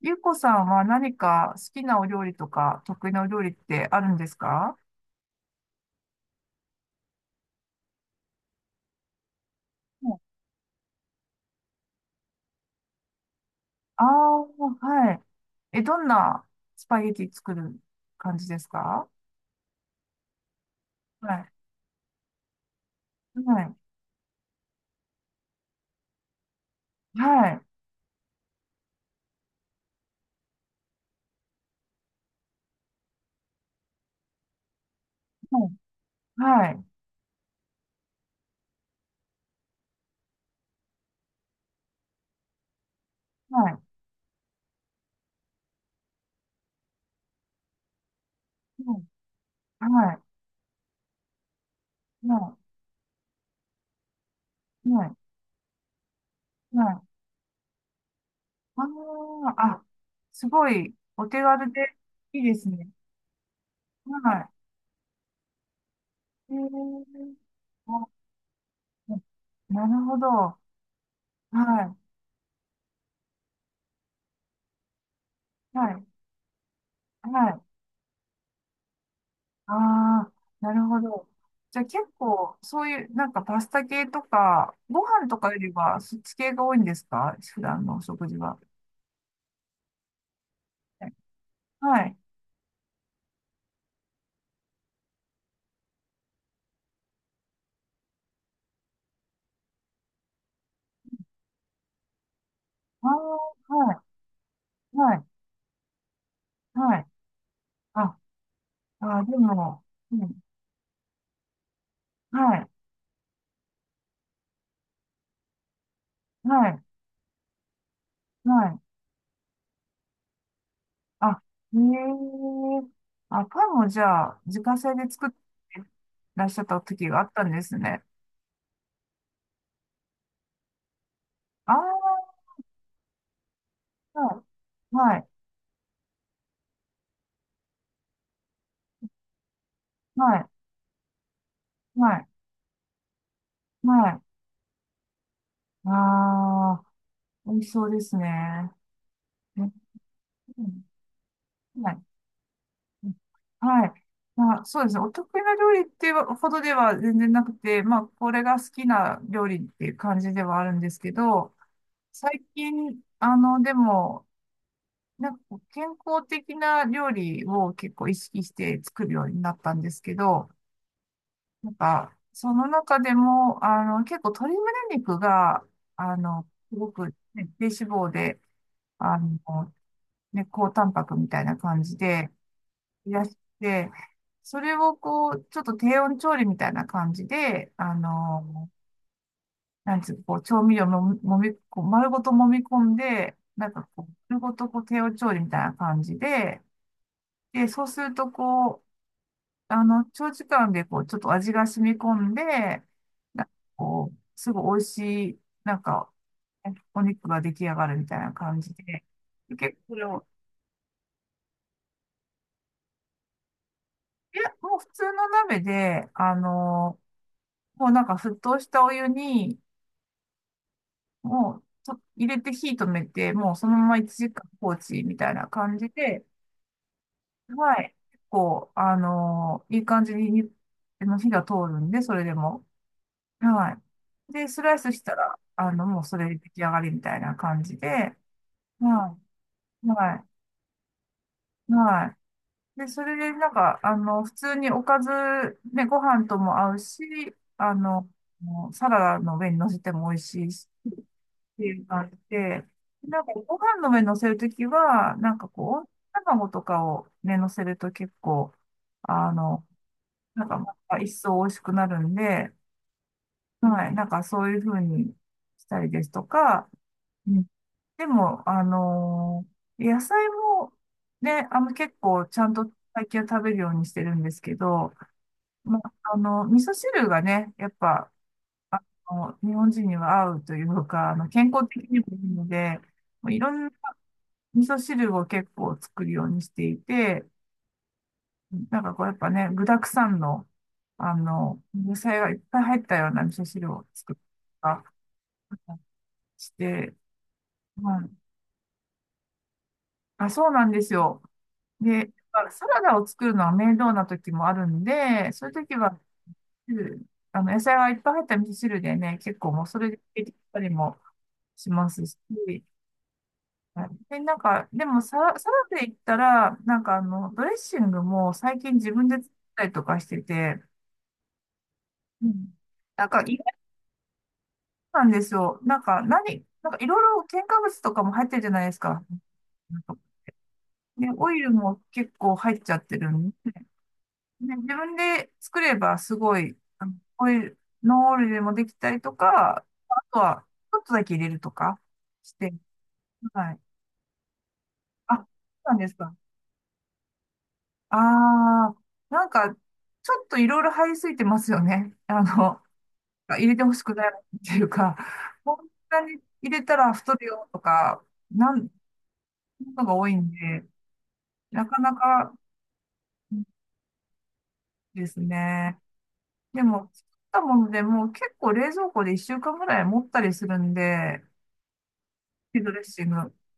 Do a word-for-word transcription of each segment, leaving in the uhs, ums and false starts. ゆうこさんは何か好きなお料理とか得意なお料理ってあるんですか？ああー、はい。え、どんなスパゲティ作る感じですか？はい。はい。はい。はいはい。はい。はい。はい。はい。はいあーあ、すごいお手軽でいいですね。はい。えー、お、なるほど。はい。はい。はい。ああ、なるほど。じゃあ結構、そういう、なんかパスタ系とか、ご飯とかよりは、そっち系が多いんですか普段のお食事は？はい。ああ、はい、はい、はい。あ、あー、でも、うん。はい、はい、はい。あ、へえ。あ、パンもじゃあ、自家製で作ってらっしゃった時があったんですね。ああ、はい、はい、はい、はい、はい。ああ、美味しそうですね。うんはい。はい。まあ、そうですね。お得意な料理っていうほどでは全然なくて、まあ、これが好きな料理っていう感じではあるんですけど、最近、あの、でも、なんかこう健康的な料理を結構意識して作るようになったんですけど、なんか、その中でも、あの、結構鶏胸肉が、あの、すごく、ね、低脂肪で、あの、ね、高タンパクみたいな感じで、いらして、それをこう、ちょっと低温調理みたいな感じで、あの、なんつうか、こう、調味料ももみ、こう丸ごと揉み込んで、なんかこう、丸ごとこう、低温調理みたいな感じで、で、そうするとこう、あの、長時間でこう、ちょっと味が染み込んで、なんかこう、すごい美味しい、なんか、お肉が出来上がるみたいな感じで、で結構これを、いや、もう普通の鍋で、あのもうなんか沸騰したお湯に、もうと入れて火止めて、もうそのままいちじかん放置みたいな感じで、はい。結構、あのーいい感じにに、あの火が通るんで、それでも。はい。で、スライスしたら、あの、もうそれで出来上がりみたいな感じで、はい。はい。はい。で、それでなんか、あの、普通におかず、ね、ご飯とも合うし、あの、もうサラダの上に乗せても美味しいし、ていう感じで、なんかご飯の上乗せるときは、なんかこう、温泉卵とかをね、乗せると結構、あの、なんかまた一層美味しくなるんで、はい、なんかそういう風にしたりですとか、うん、でも、あのー野菜もね、あの結構ちゃんと最近は食べるようにしてるんですけど、まあ、あの、味噌汁がね、やっぱ、あの、日本人には合うというか、あの、健康的にもいいので、もういろんな味噌汁を結構作るようにしていて、なんかこうやっぱね、具沢山の、あの、野菜がいっぱい入ったような味噌汁を作ったりして、はい。あ、そうなんですよ。で、だからサラダを作るのは面倒な時もあるんで、そういう時は、汁あの、野菜がいっぱい入った味噌汁でね、結構もうそれで出てきたりもしますし、はいで、なんか、でもサラ、サラダで言ったら、なんかあの、ドレッシングも最近自分で作ったりとかしてて、うん。なんか意外なんですよ。なんか何、なんかいろいろ添加物とかも入ってるじゃないですか。で、オイルも結構入っちゃってるんで、で自分で作ればすごい、あのオイル、ノンオイルでもできたりとか、あとはちょっとだけ入れるとかして、はい。あ、そうなんですか。ああ、なんかちょっといろいろ入りすぎてますよね。あの、入れてほしくないっていうか、こんなに入れたら太るよとか、なん、ことが多いんで、なかなかですね。でも、作ったものでもう結構冷蔵庫でいっしゅうかんぐらい持ったりするんで、ピドレッシング。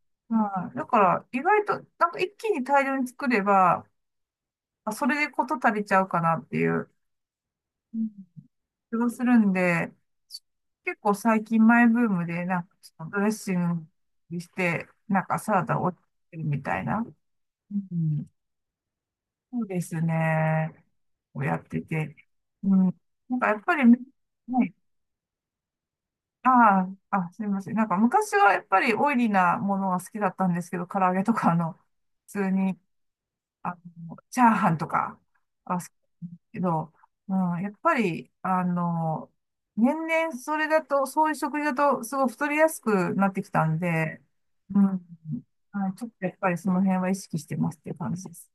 はい。だから、意外と、なんか一気に大量に作れば、あそれでこと足りちゃうかなっていう。うん、気がするんで、結構最近マイブームで、なんかそのドレッシングして、なんかサラダを置いてるみたいな。うん、そうですね。をやってて。うん、なんかやっぱり、ね、ああ、あ、すみません。なんか昔はやっぱりオイリーなものが好きだったんですけど、唐揚げとかあの、普通にあの、チャーハンとか、あ、そけど、うん、やっぱり、あの、年々それだと、そういう食事だと、すごい太りやすくなってきたんで、うん、はい、ちょっとやっぱりその辺は意識してますっていう感じです。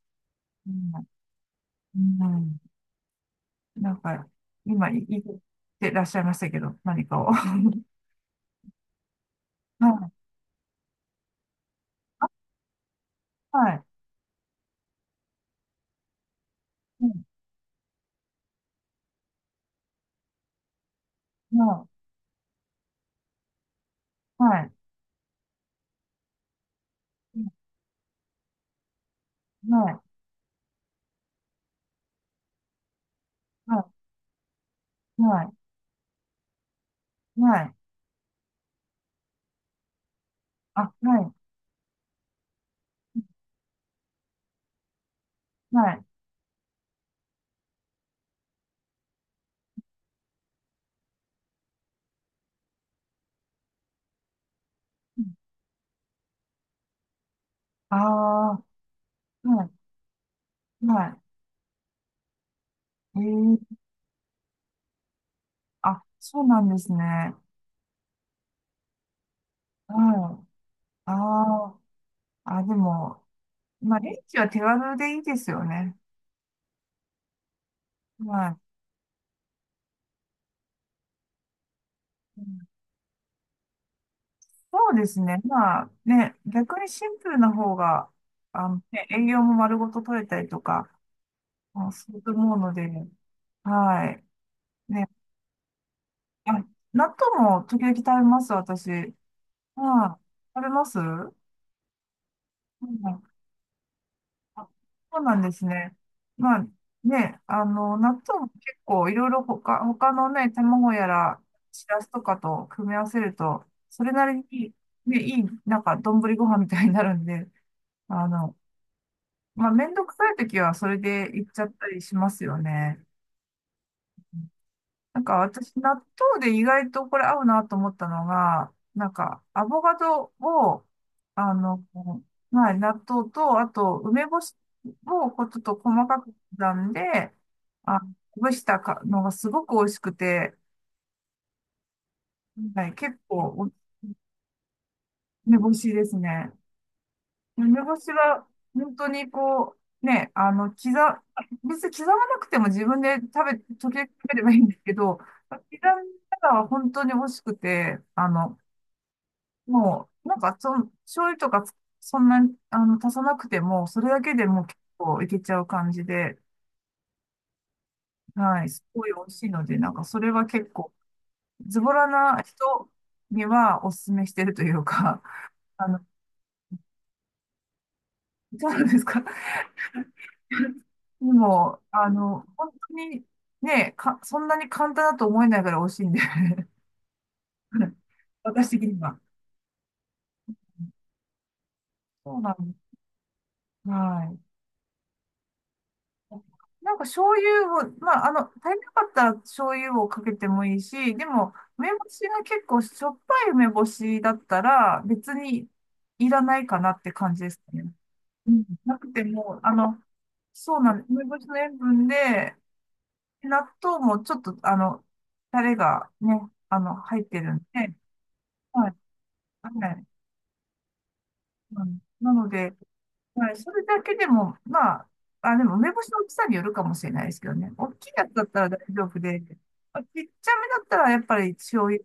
うん、うん、なんか、今、い言ってらっしゃいましたけど、何かを。はい、はい、うん、はい、はい、うんはい、はい、はい、はい、あ、はい、はい、ああー、はい、はい。えー、あ、そうなんですね。うん。ああ、あ、でも、まあ、レンジは手軽でいいですよね。まあ、うん、そうですね。まあ、ね、逆にシンプルな方が、あの、ね、栄養も丸ごと取れたりとか、まあ、すると思うので、はい。ね、あ、納豆も時々食べます、私。はい。食べますうんあ、そうなんですね。まあね、あの、納豆も結構いろいろ他、他のね、卵やら、しらすとかと組み合わせると、それなりに、ね、いい、なんか、丼ご飯みたいになるんで、あの、まあ、めんどくさい時はそれでいっちゃったりしますよね。なんか私、納豆で意外とこれ合うなと思ったのが、なんか、アボカドを、あの、まあ、納豆と、あと、梅干しをこうちょっと細かく刻んで、あ、ほぐしたかのがすごく美味しくて、はい、結構、梅干しですね。梅干しは、本当にこう、ね、あの、刻、別に刻まなくても自分で食べ、時々食べればいいんですけど、刻んだら本当に美味しくて、あの、もう、なんか、その、醤油とかつそんなに、あの、足さなくても、それだけでもう結構いけちゃう感じで、はい、すごい美味しいので、なんか、それは結構、ズボラな人にはおすすめしてるというか、あの、どうなんですか？でも、あの、本当に、ね、か、そんなに簡単だと思えないぐらい美味しいんで 私的には。そうなんです。はい。なんか醤油を、まあ、あの、足りなかったら醤油をかけてもいいし、でも、梅干しが結構しょっぱい梅干しだったら別にいらないかなって感じですね。うん、なくても、あの、そうなんです。梅干しの塩分で、納豆もちょっと、あの、タレがね、あの、入ってるんで、はい、はい。うん、なので、はい、それだけでも、まあ、あ、でも梅干しの大きさによるかもしれないですけどね。大きいやつだったら大丈夫で、まあちっちゃめだったらやっぱり醤油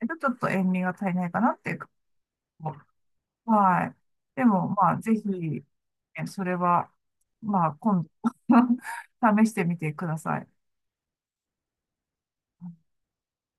だとちょっと塩味が足りないかなっていうか。はい。でも、まあ、ぜひ、ね、それは、まあ、今度 試してみてください。